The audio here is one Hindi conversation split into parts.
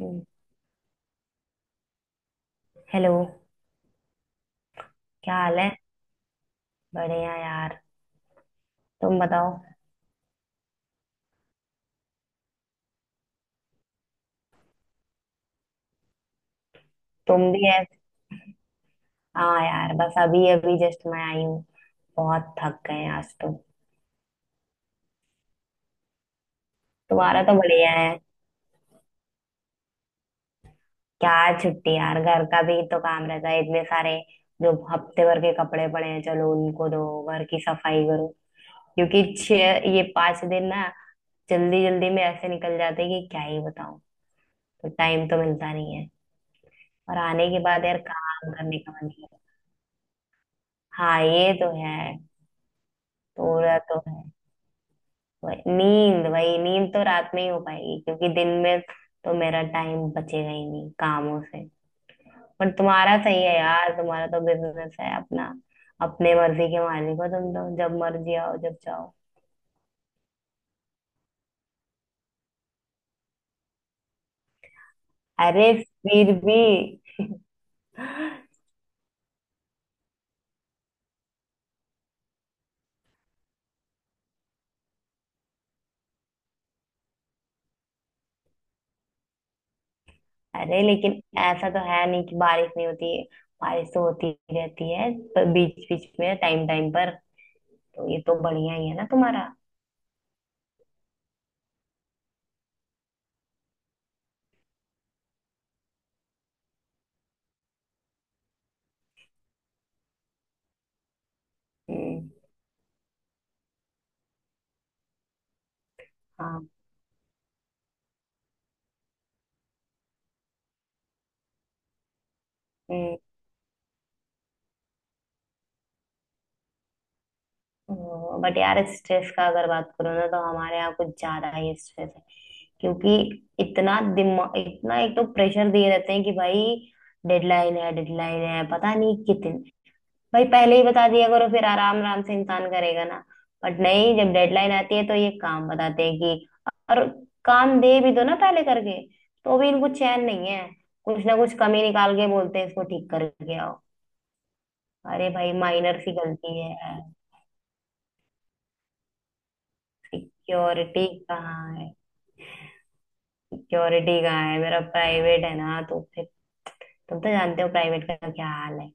हम्म, हेलो। क्या हाल है? बढ़िया यार, तुम बताओ। तुम भी है? हाँ यार, बस अभी अभी जस्ट मैं आई हूँ। बहुत थक गए हैं आज तो। तुम्हारा तो बढ़िया है। क्या छुट्टी यार, घर का भी तो काम रहता है इतने सारे। जो हफ्ते भर के कपड़े पड़े हैं चलो उनको दो, घर की सफाई करो। क्योंकि छह ये 5 दिन ना जल्दी जल्दी में ऐसे निकल जाते हैं कि क्या ही बताऊं। तो टाइम तो मिलता नहीं है। और आने के बाद यार काम करने का मन नहीं है। हाँ ये तो है। पूरा तो है। वही नींद, वही नींद तो रात में ही हो पाएगी क्योंकि दिन में तो मेरा टाइम बचेगा ही नहीं कामों से। पर तुम्हारा सही है यार, तुम्हारा तो बिजनेस है अपना। अपने मर्जी के मालिक हो तुम, तो जब मर्जी आओ जब चाहो। अरे, फिर भी। अरे लेकिन ऐसा तो है नहीं कि बारिश नहीं होती है। बारिश तो होती ही रहती है पर बीच बीच में, टाइम टाइम पर। तो ये तो बढ़िया ही है ना तुम्हारा। हम्म। हाँ। हम्म। बट यार स्ट्रेस का अगर बात करो ना, तो हमारे यहाँ कुछ ज्यादा ही स्ट्रेस है। क्योंकि इतना दिमाग, इतना एक तो प्रेशर दिए रहते हैं कि भाई डेडलाइन है, डेडलाइन है, पता नहीं कितने। भाई पहले ही बता दिया करो फिर आराम आराम से इंसान करेगा ना। बट नहीं, जब डेडलाइन आती है तो ये काम बताते हैं कि, और काम दे भी दो ना पहले करके तो भी इनको चैन नहीं है। कुछ ना कुछ कमी निकाल के बोलते हैं, इसको ठीक करके आओ। अरे भाई माइनर सी गलती है। सिक्योरिटी कहाँ है? सिक्योरिटी का है, मेरा प्राइवेट है ना तो फिर। तुम तो जानते हो प्राइवेट का क्या हाल है।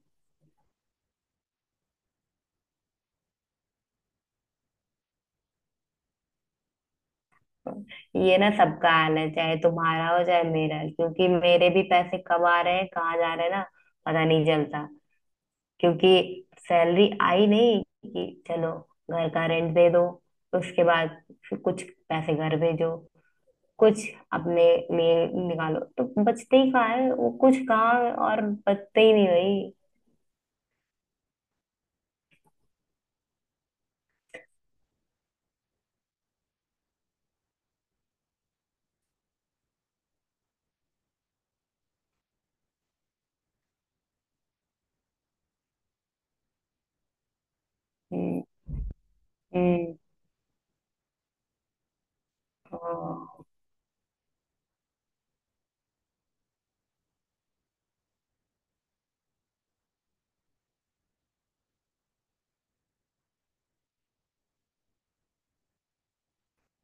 ये ना सबका हाल है, चाहे तुम्हारा हो चाहे मेरा, क्योंकि मेरे भी पैसे कब आ रहे हैं कहाँ जा रहे हैं ना, पता नहीं चलता। क्योंकि सैलरी आई नहीं कि चलो घर का रेंट दे दो, उसके बाद फिर कुछ पैसे घर भेजो, कुछ अपने लिए निकालो, तो बचते ही कहाँ है वो कुछ कहाँ? और बचते ही नहीं भाई। हम्म। हम्म। हाँ।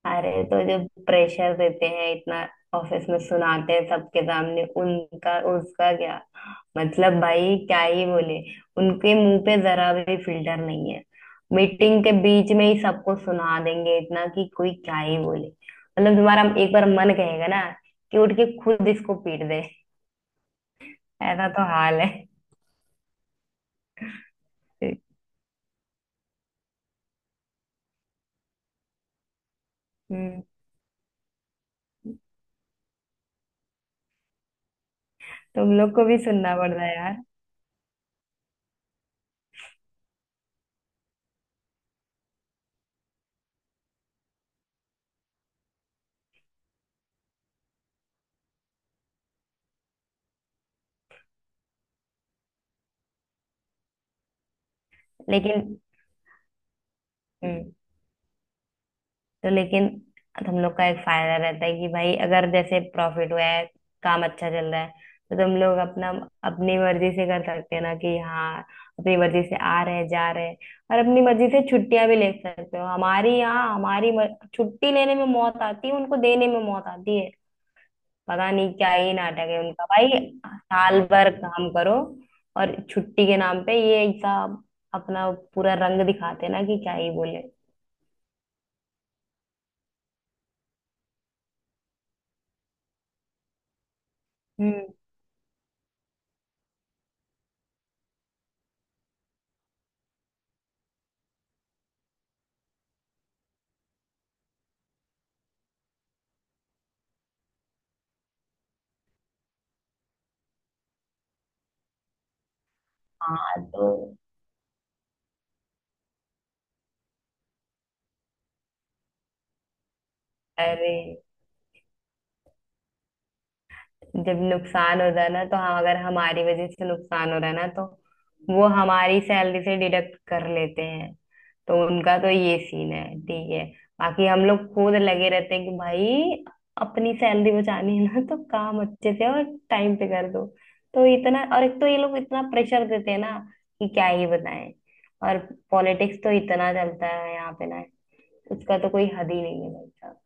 अरे तो जो प्रेशर देते हैं इतना, ऑफिस में सुनाते हैं सबके सामने, उनका उसका क्या? मतलब भाई क्या ही बोले। उनके मुंह पे जरा भी फिल्टर नहीं है। मीटिंग के बीच में ही सबको सुना देंगे इतना कि कोई क्या ही बोले, मतलब तुम्हारा एक बार मन कहेगा ना कि उठ के खुद इसको पीट दे। ऐसा तो हाल है। हम्म, तुम लोग को भी सुनना पड़ता है यार। लेकिन हम्म, तो लेकिन हम लोग का एक फायदा रहता है कि भाई अगर जैसे प्रॉफिट हुआ है, काम अच्छा चल रहा है, तो तुम लोग अपना, अपनी मर्जी से कर सकते हैं ना कि हाँ, अपनी मर्जी से आ रहे हैं जा रहे हैं। और अपनी मर्जी से छुट्टियां भी ले सकते हो। हमारी यहाँ हमारी छुट्टी लेने में मौत आती है, उनको देने में मौत आती है। पता नहीं क्या ही नाटक है उनका भाई। साल भर काम करो और छुट्टी के नाम पे ये ऐसा अपना पूरा रंग दिखाते हैं ना कि क्या ही बोले। हम्म। हाँ तो, अरे जब नुकसान हो जाए ना तो हम, अगर हमारी वजह से नुकसान हो रहा है ना तो वो हमारी सैलरी से डिडक्ट कर लेते हैं। तो उनका तो ये सीन है, ठीक है। बाकी हम लोग खुद लगे रहते हैं कि भाई अपनी सैलरी बचानी है ना, तो काम अच्छे से और टाइम पे कर दो। तो इतना, और एक तो ये लोग इतना प्रेशर देते हैं ना कि क्या ही बताएं। और पॉलिटिक्स तो इतना चलता है यहाँ पे ना, उसका तो कोई हद ही नहीं है भाई साहब।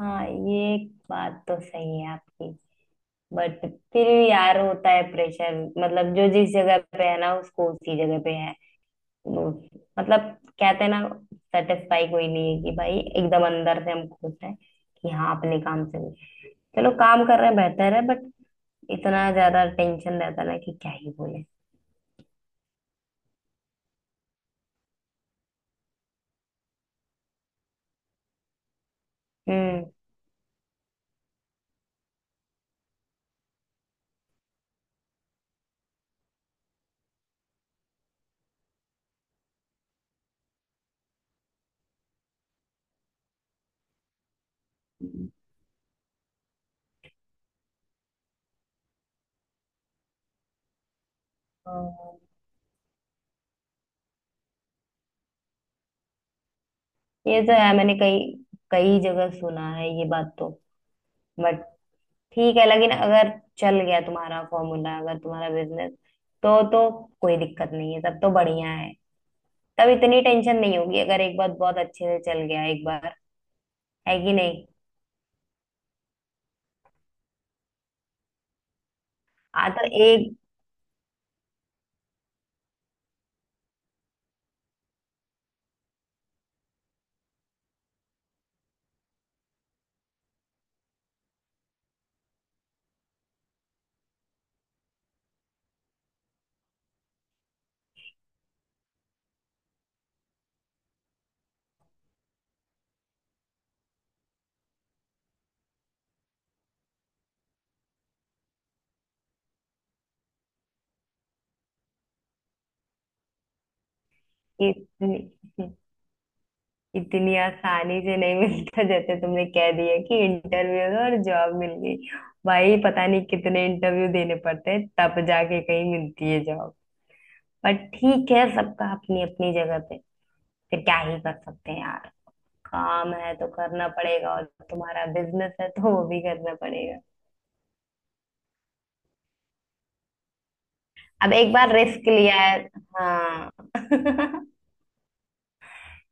हाँ, ये एक बात तो सही है आपकी। बट फिर भी यार होता है प्रेशर। मतलब जो जिस जगह पे है ना, उसको उसी जगह पे है। वो- मतलब, कहते हैं ना, सेटिस्फाई कोई नहीं है कि भाई एकदम अंदर से हम खुश हैं कि हाँ अपने काम से भी। चलो काम कर रहे हैं बेहतर है, बट इतना ज्यादा टेंशन रहता है ना कि क्या ही बोले। हम्म। हम्म। हाँ। ये तो है, मैंने कई कई जगह सुना है ये बात तो। बट ठीक है, लेकिन अगर चल गया तुम्हारा फॉर्मूला, अगर तुम्हारा बिजनेस, तो कोई दिक्कत नहीं है, तब तो बढ़िया है। तब इतनी टेंशन नहीं होगी अगर एक बार बहुत अच्छे से चल गया एक बार। है कि नहीं? आ तो एक इतनी इतनी आसानी से नहीं मिलता जैसे तुमने कह दिया कि इंटरव्यू और जॉब मिल गई। भाई पता नहीं कितने इंटरव्यू देने पड़ते हैं तब जाके कहीं मिलती है जॉब। पर ठीक है, सबका अपनी अपनी जगह पे, फिर क्या ही कर सकते हैं यार। काम है तो करना पड़ेगा, और तुम्हारा बिजनेस है तो वो भी करना पड़ेगा। अब एक बार रिस्क लिया है। हाँ।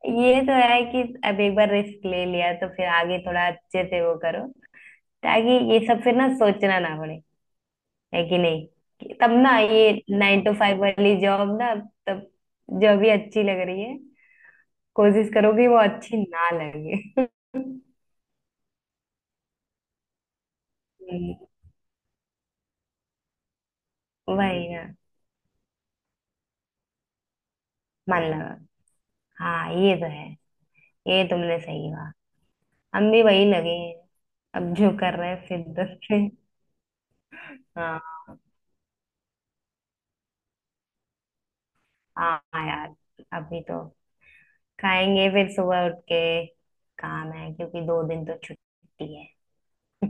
ये तो है कि अब एक बार रिस्क ले लिया तो फिर आगे थोड़ा अच्छे से वो करो, ताकि ये सब फिर ना सोचना ना पड़े। है कि नहीं? कि तब ना ये 9 to 5 वाली जॉब ना, तब जो भी अच्छी लग रही है कोशिश करोगे वो अच्छी ना लगे। हम्म, वही ना। मन लगा। हाँ ये तो है। ये तुमने सही कहा। हम भी वही लगे हैं। अब जो कर रहे हैं फिर से। हाँ। हाँ यार, अभी तो खाएंगे, फिर सुबह उठ के काम है क्योंकि 2 दिन तो छुट्टी है।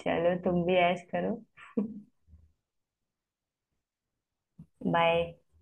चलो तुम भी ऐश करो। बाय।